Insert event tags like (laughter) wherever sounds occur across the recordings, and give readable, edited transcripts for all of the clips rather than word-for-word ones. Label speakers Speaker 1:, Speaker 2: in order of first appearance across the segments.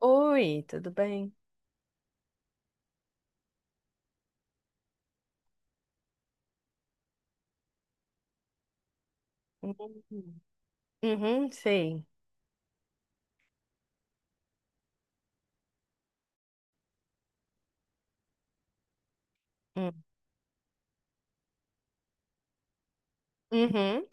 Speaker 1: Oi, tudo bem? Uhum. Uhum, sei. Hum. Uhum.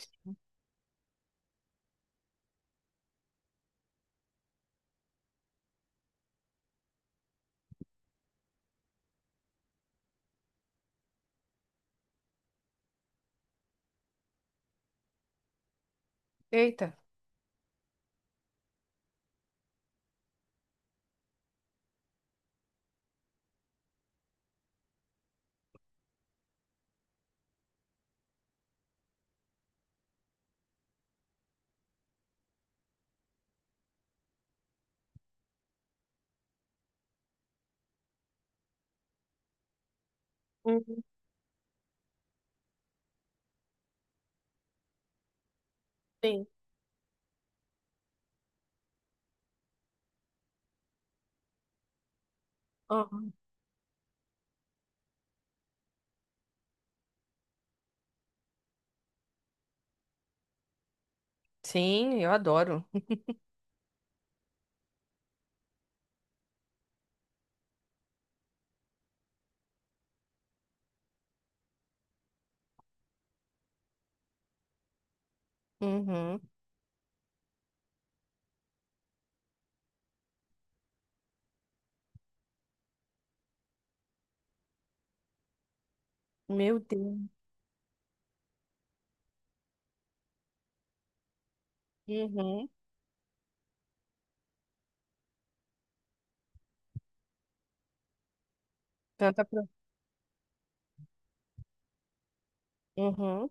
Speaker 1: Eita. Uhum. Sim. Uhum. Sim, eu adoro. (laughs) Uhum. Meu Deus. Uhum. Tanta pro... Uhum.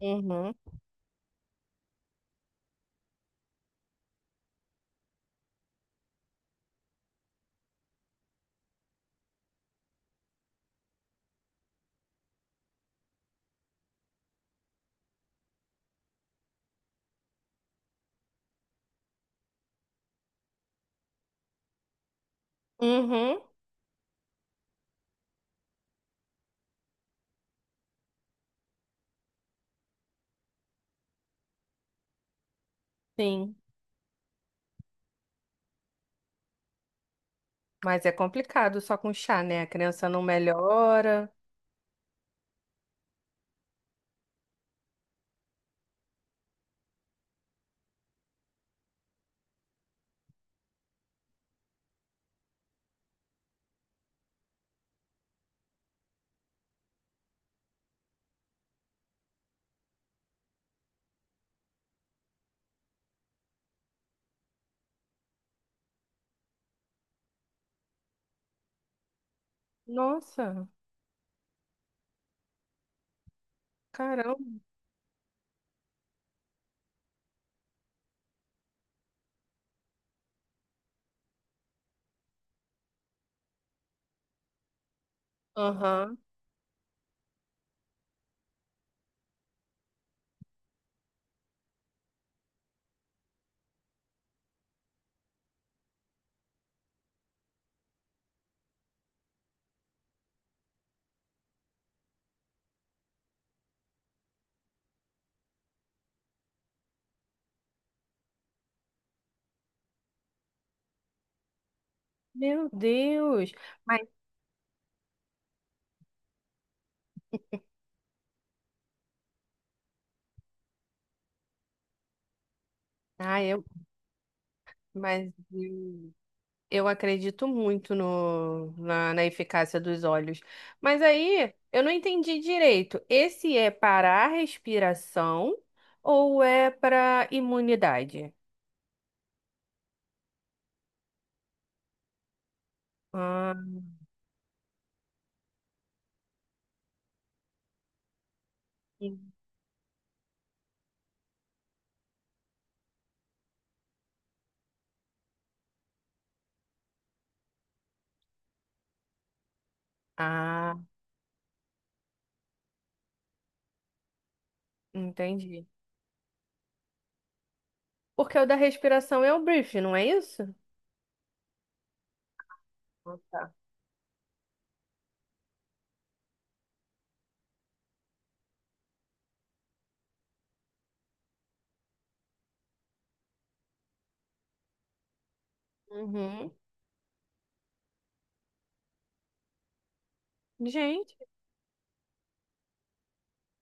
Speaker 1: Uhum. Uhum. Sim. Mas é complicado só com chá, né? A criança não melhora. Nossa, caramba. Aham. Meu Deus. Mas, ah, eu, mas eu acredito muito no, na, na eficácia dos olhos. Mas aí eu não entendi direito. Esse é para a respiração ou é para imunidade? Ah, sim. Ah, entendi. Porque o da respiração é o brief, não é isso? Uhum. Gente,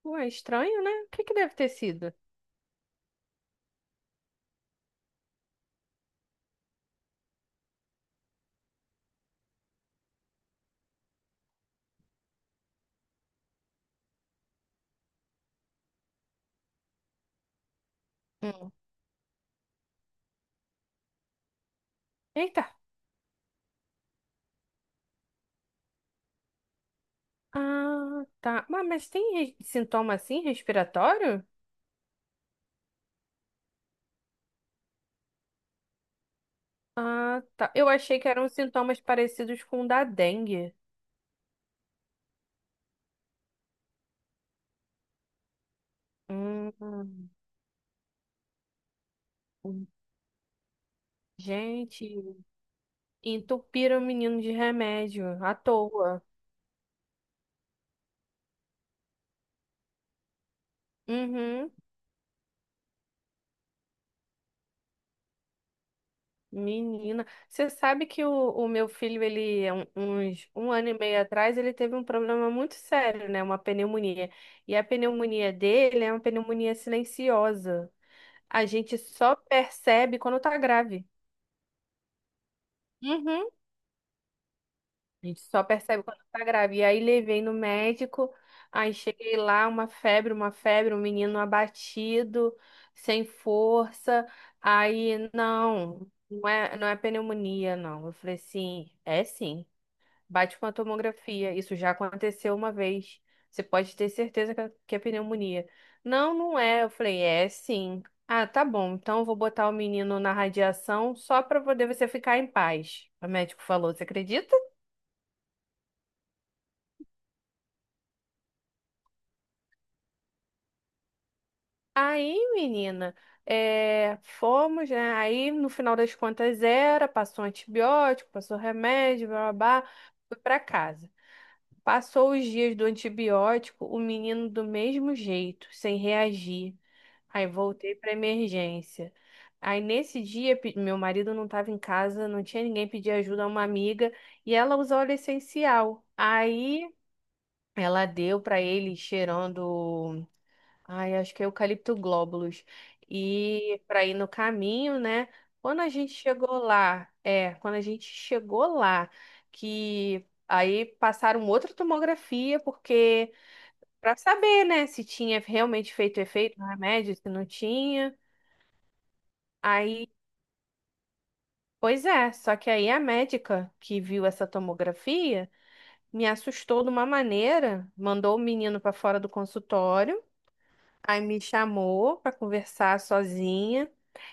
Speaker 1: ué, estranho, né? O que deve ter sido? Hum. Eita. Ah, tá. Mas tem sintoma assim respiratório? Ah, tá. Eu achei que eram sintomas parecidos com o da dengue. Hum. Gente, entupiram o menino de remédio à toa. Uhum, menina. Você sabe que o meu filho, ele, uns um ano e meio atrás, ele teve um problema muito sério, né? Uma pneumonia. E a pneumonia dele é uma pneumonia silenciosa. A gente só percebe quando tá grave. Uhum. A gente só percebe quando tá grávida. E aí levei no médico, aí cheguei lá, uma febre, um menino abatido, sem força. Aí, não, não é pneumonia, não. Eu falei, sim, é sim. Bate com a tomografia. Isso já aconteceu uma vez. Você pode ter certeza que é pneumonia. Não, não é. Eu falei, é sim. Ah, tá bom. Então eu vou botar o menino na radiação só para poder você ficar em paz. O médico falou, você acredita? Aí, menina, é, fomos, né? Aí, no final das contas, era, passou antibiótico, passou remédio, blá, blá, blá, fui pra casa. Passou os dias do antibiótico, o menino do mesmo jeito, sem reagir. Aí voltei pra emergência. Aí nesse dia, meu marido não estava em casa, não tinha ninguém pedir ajuda a uma amiga, e ela usou óleo essencial. Aí ela deu pra ele cheirando. Ai, acho que é eucalipto glóbulos. E para ir no caminho, né? Quando a gente chegou lá, que aí passaram outra tomografia, porque para saber, né, se tinha realmente feito efeito no remédio, se não tinha. Aí, pois é, só que aí a médica que viu essa tomografia me assustou de uma maneira, mandou o menino para fora do consultório. Aí me chamou para conversar sozinha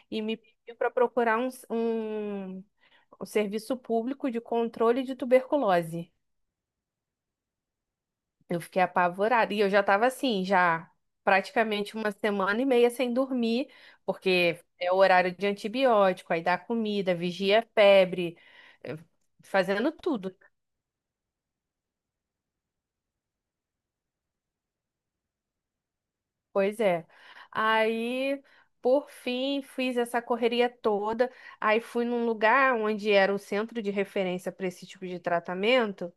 Speaker 1: e me pediu para procurar um serviço público de controle de tuberculose. Eu fiquei apavorada e eu já estava assim, já praticamente uma semana e meia sem dormir, porque é o horário de antibiótico, aí dá comida, vigia a febre, eh, fazendo tudo. Pois é. Aí, por fim, fiz essa correria toda. Aí fui num lugar onde era o centro de referência para esse tipo de tratamento.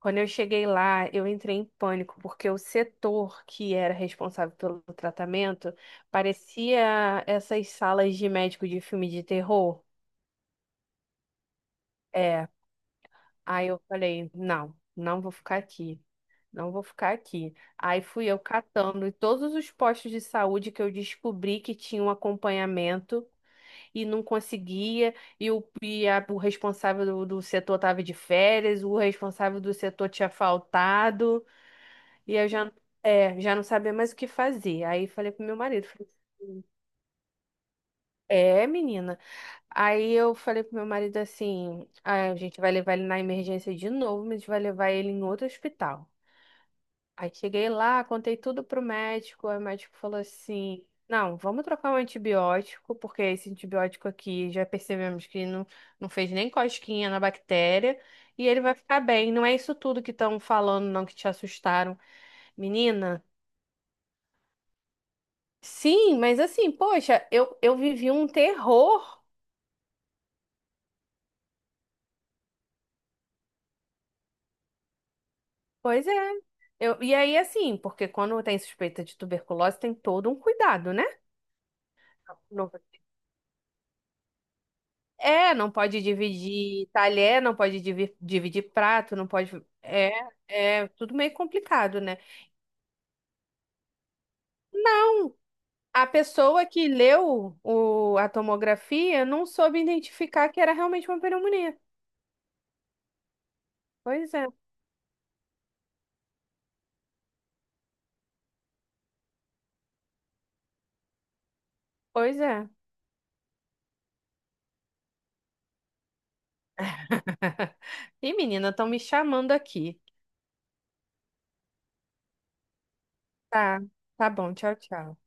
Speaker 1: Quando eu cheguei lá, eu entrei em pânico, porque o setor que era responsável pelo tratamento parecia essas salas de médico de filme de terror. É. Aí eu falei, não, não vou ficar aqui. Não vou ficar aqui. Aí fui eu catando em todos os postos de saúde que eu descobri que tinha um acompanhamento e não conseguia, e o, o responsável do setor estava de férias, o responsável do setor tinha faltado, e eu já, é, já não sabia mais o que fazer. Aí falei pro meu marido, falei, assim, é, menina. Aí eu falei pro meu marido assim, "Ah, a gente vai levar ele na emergência de novo, mas a gente vai levar ele em outro hospital." Aí cheguei lá, contei tudo pro médico, aí o médico falou assim: "Não, vamos trocar um antibiótico, porque esse antibiótico aqui já percebemos que não, não fez nem cosquinha na bactéria, e ele vai ficar bem. Não é isso tudo que estão falando, não, que te assustaram." Menina, sim, mas assim, poxa, eu vivi um terror. Pois é. Eu, e aí, assim, porque quando tem suspeita de tuberculose, tem todo um cuidado, né? É, não pode dividir talher, não pode dividir prato, não pode. É, é tudo meio complicado, né? A pessoa que leu o, a tomografia não soube identificar que era realmente uma pneumonia. Pois é, pois é. (laughs) E menina, estão me chamando aqui. Tá, tá bom, tchau, tchau.